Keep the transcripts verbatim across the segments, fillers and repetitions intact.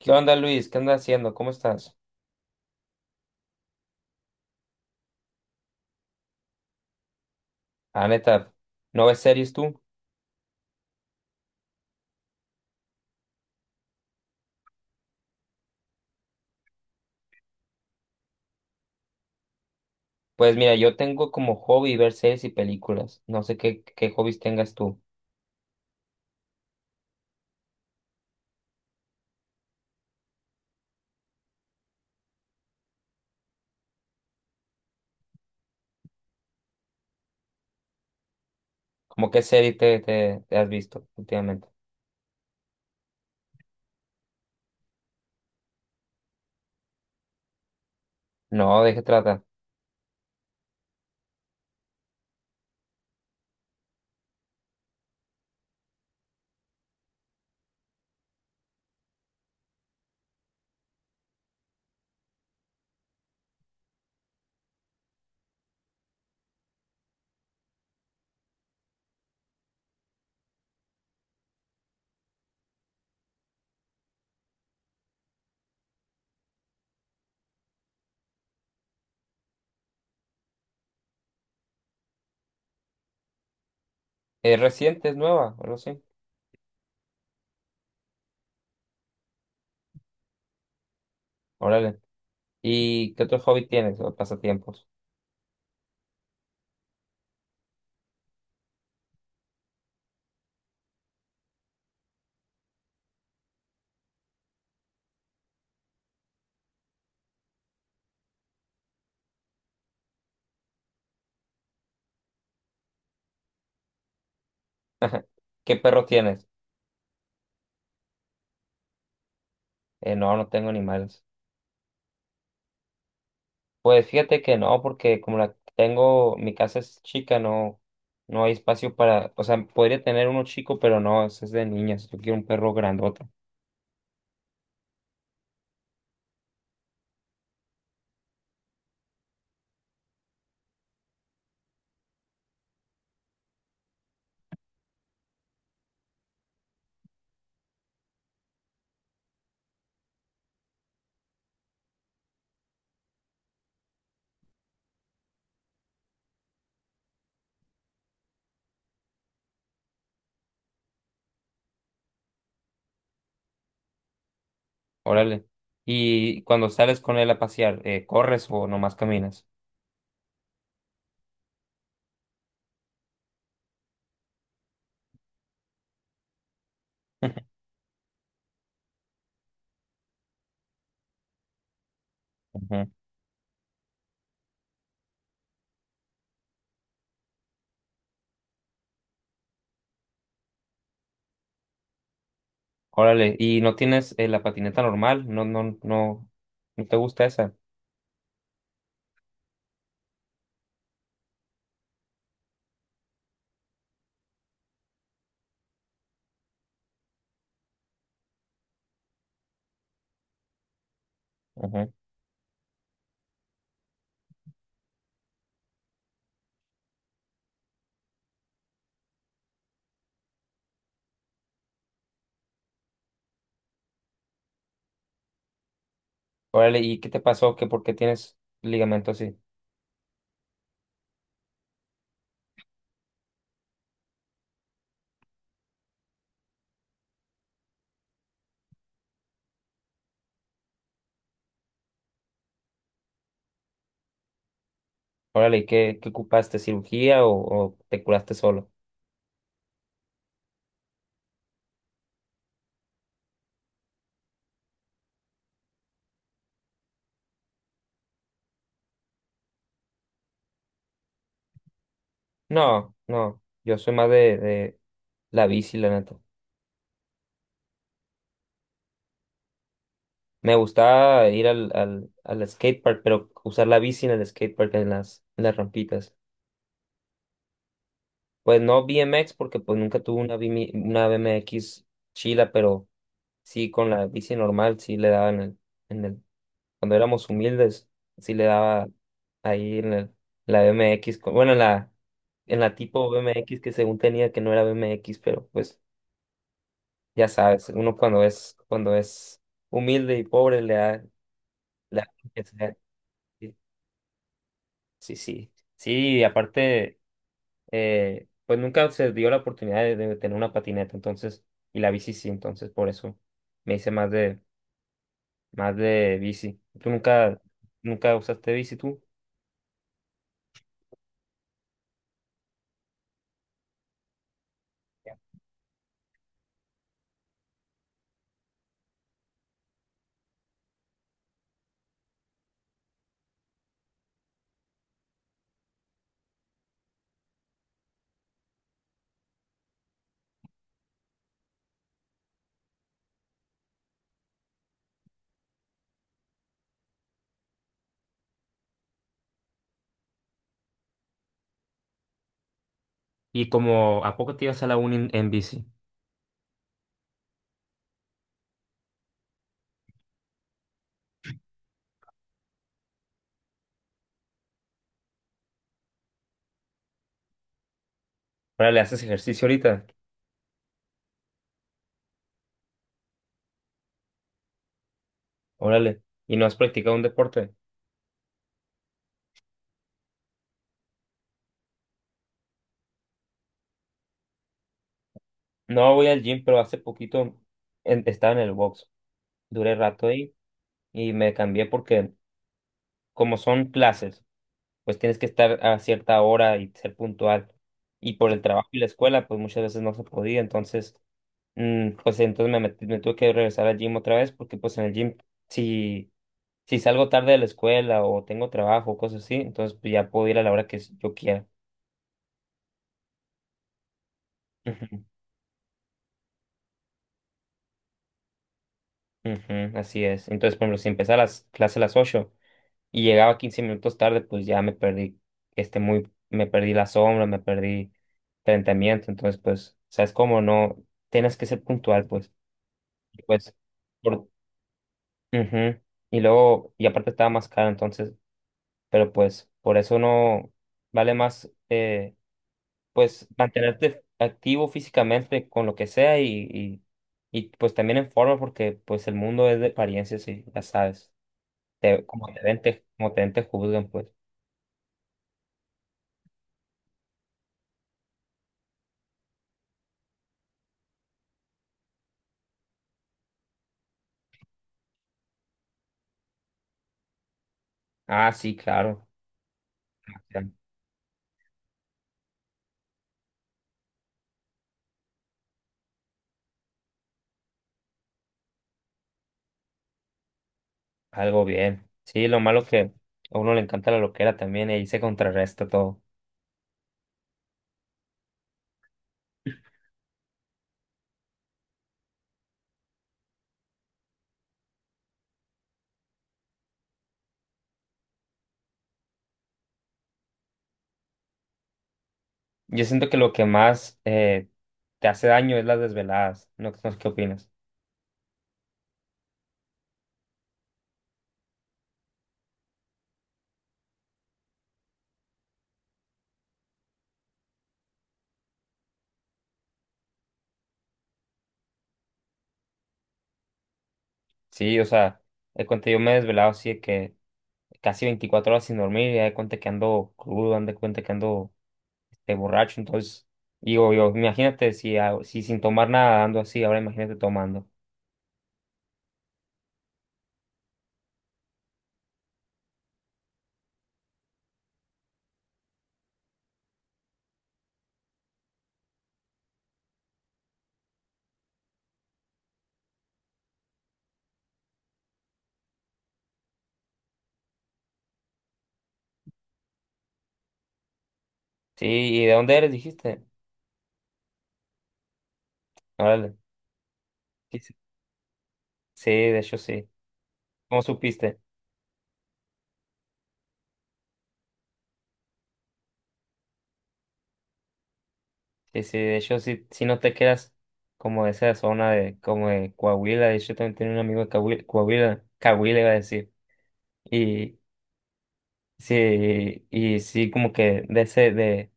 ¿Qué onda, Luis? ¿Qué andas haciendo? ¿Cómo estás? Ah, neta, ¿no ves series tú? Pues mira, yo tengo como hobby ver series y películas. No sé qué, qué hobbies tengas tú. ¿Cómo qué serie te, te, te has visto últimamente? No, ¿de qué trata? ¿Es reciente? ¿Es nueva? O algo así. Órale. ¿Y qué otro hobby tienes o pasatiempos? ¿Qué perro tienes? Eh, no, no tengo animales. Pues fíjate que no, porque como la tengo, mi casa es chica, no, no hay espacio para, o sea, podría tener uno chico, pero no, ese es de niñas. Yo quiero un perro grandote. Órale. Y cuando sales con él a pasear, eh, ¿corres o nomás caminas? Ujú. Órale. ¿Y no tienes eh, la patineta normal? No, no, no, no te gusta esa. Ujú. Órale. ¿Y qué te pasó? ¿Qué, por qué tienes ligamento así? Órale. ¿Y qué, qué ocupaste? ¿Cirugía o, o te curaste solo? No, no, yo soy más de, de la bici, la neta. Me gustaba ir al, al, al skatepark, pero usar la bici en el skatepark, en las, en las rampitas. Pues no B M X, porque pues nunca tuve una, B M I una B M X chila, pero sí con la bici normal, sí le daba en el, en el, cuando éramos humildes, sí le daba ahí en el, la B M X, con- bueno, en la, en la tipo B M X que según tenía que no era B M X, pero pues ya sabes, uno cuando es, cuando es humilde y pobre le da, le da lo. Sí, sí. Sí, sí, y aparte, eh, pues nunca se dio la oportunidad de, de tener una patineta, entonces, y la bici sí, entonces por eso me hice más de, más de bici. ¿Tú nunca, nunca usaste bici tú? ¿Y como a poco te ibas a la uni en, en bici? ¿Órale, haces ejercicio ahorita? Órale. ¿Y no has practicado un deporte? No voy al gym, pero hace poquito en- estaba en el box. Duré rato ahí y me cambié porque como son clases, pues tienes que estar a cierta hora y ser puntual. Y por el trabajo y la escuela, pues muchas veces no se podía. Entonces, mm, pues entonces me metí- me tuve que regresar al gym otra vez porque pues en el gym, si, si salgo tarde de la escuela o tengo trabajo o cosas así, entonces pues ya puedo ir a la hora que yo quiera. Ujú, ujú, así es. Entonces, por ejemplo, si empezaba las clases a las ocho y llegaba quince minutos tarde, pues ya me perdí, este muy, me perdí la sombra, me perdí enfrentamiento, entonces pues, ¿sabes cómo? No, tienes que ser puntual, pues, y pues, por, ujú, y luego, y aparte estaba más caro, entonces, pero pues, por eso no vale más, eh, pues, mantenerte activo físicamente con lo que sea y, y, y, pues también en forma, porque pues el mundo es de apariencias y ya sabes, te, como te ven, te, como te ven, te juzgan, pues. Ah, sí, claro. Ya, algo bien. Sí, lo malo que a uno le encanta la loquera también y ahí se contrarresta todo. Yo siento que lo que más eh, te hace daño es las desveladas. No, no sé qué opinas. Sí, o sea, de cuenta yo me he desvelado así de que casi veinticuatro horas sin dormir y ya de cuenta que ando crudo, ando de cuenta que ando este, borracho. Entonces, digo yo, imagínate si, a- si sin tomar nada ando así, ahora imagínate tomando. Sí, ¿y de dónde eres? Dijiste. Órale. Sí, sí, sí, de hecho sí. ¿Cómo supiste? Sí, sí, de hecho, si, si no te quedas como de esa zona de, como de Coahuila, de hecho, también tenía un amigo de Coahuila, Coahuila, Coahuila iba a decir, y sí, y sí, como que de ese, de,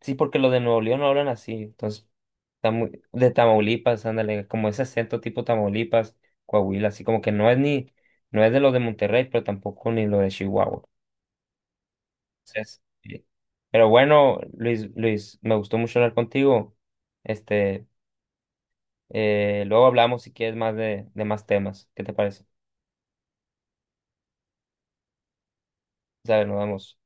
sí, porque los de Nuevo León no hablan así, entonces, está muy- de Tamaulipas, ándale, como ese acento tipo Tamaulipas, Coahuila, así como que no es ni, no es de los de Monterrey, pero tampoco ni lo de Chihuahua, entonces, sí. Pero bueno, Luis, Luis, me gustó mucho hablar contigo, este... Eh, luego hablamos si quieres más de, de más temas. ¿Qué te parece? O sea, nos vemos.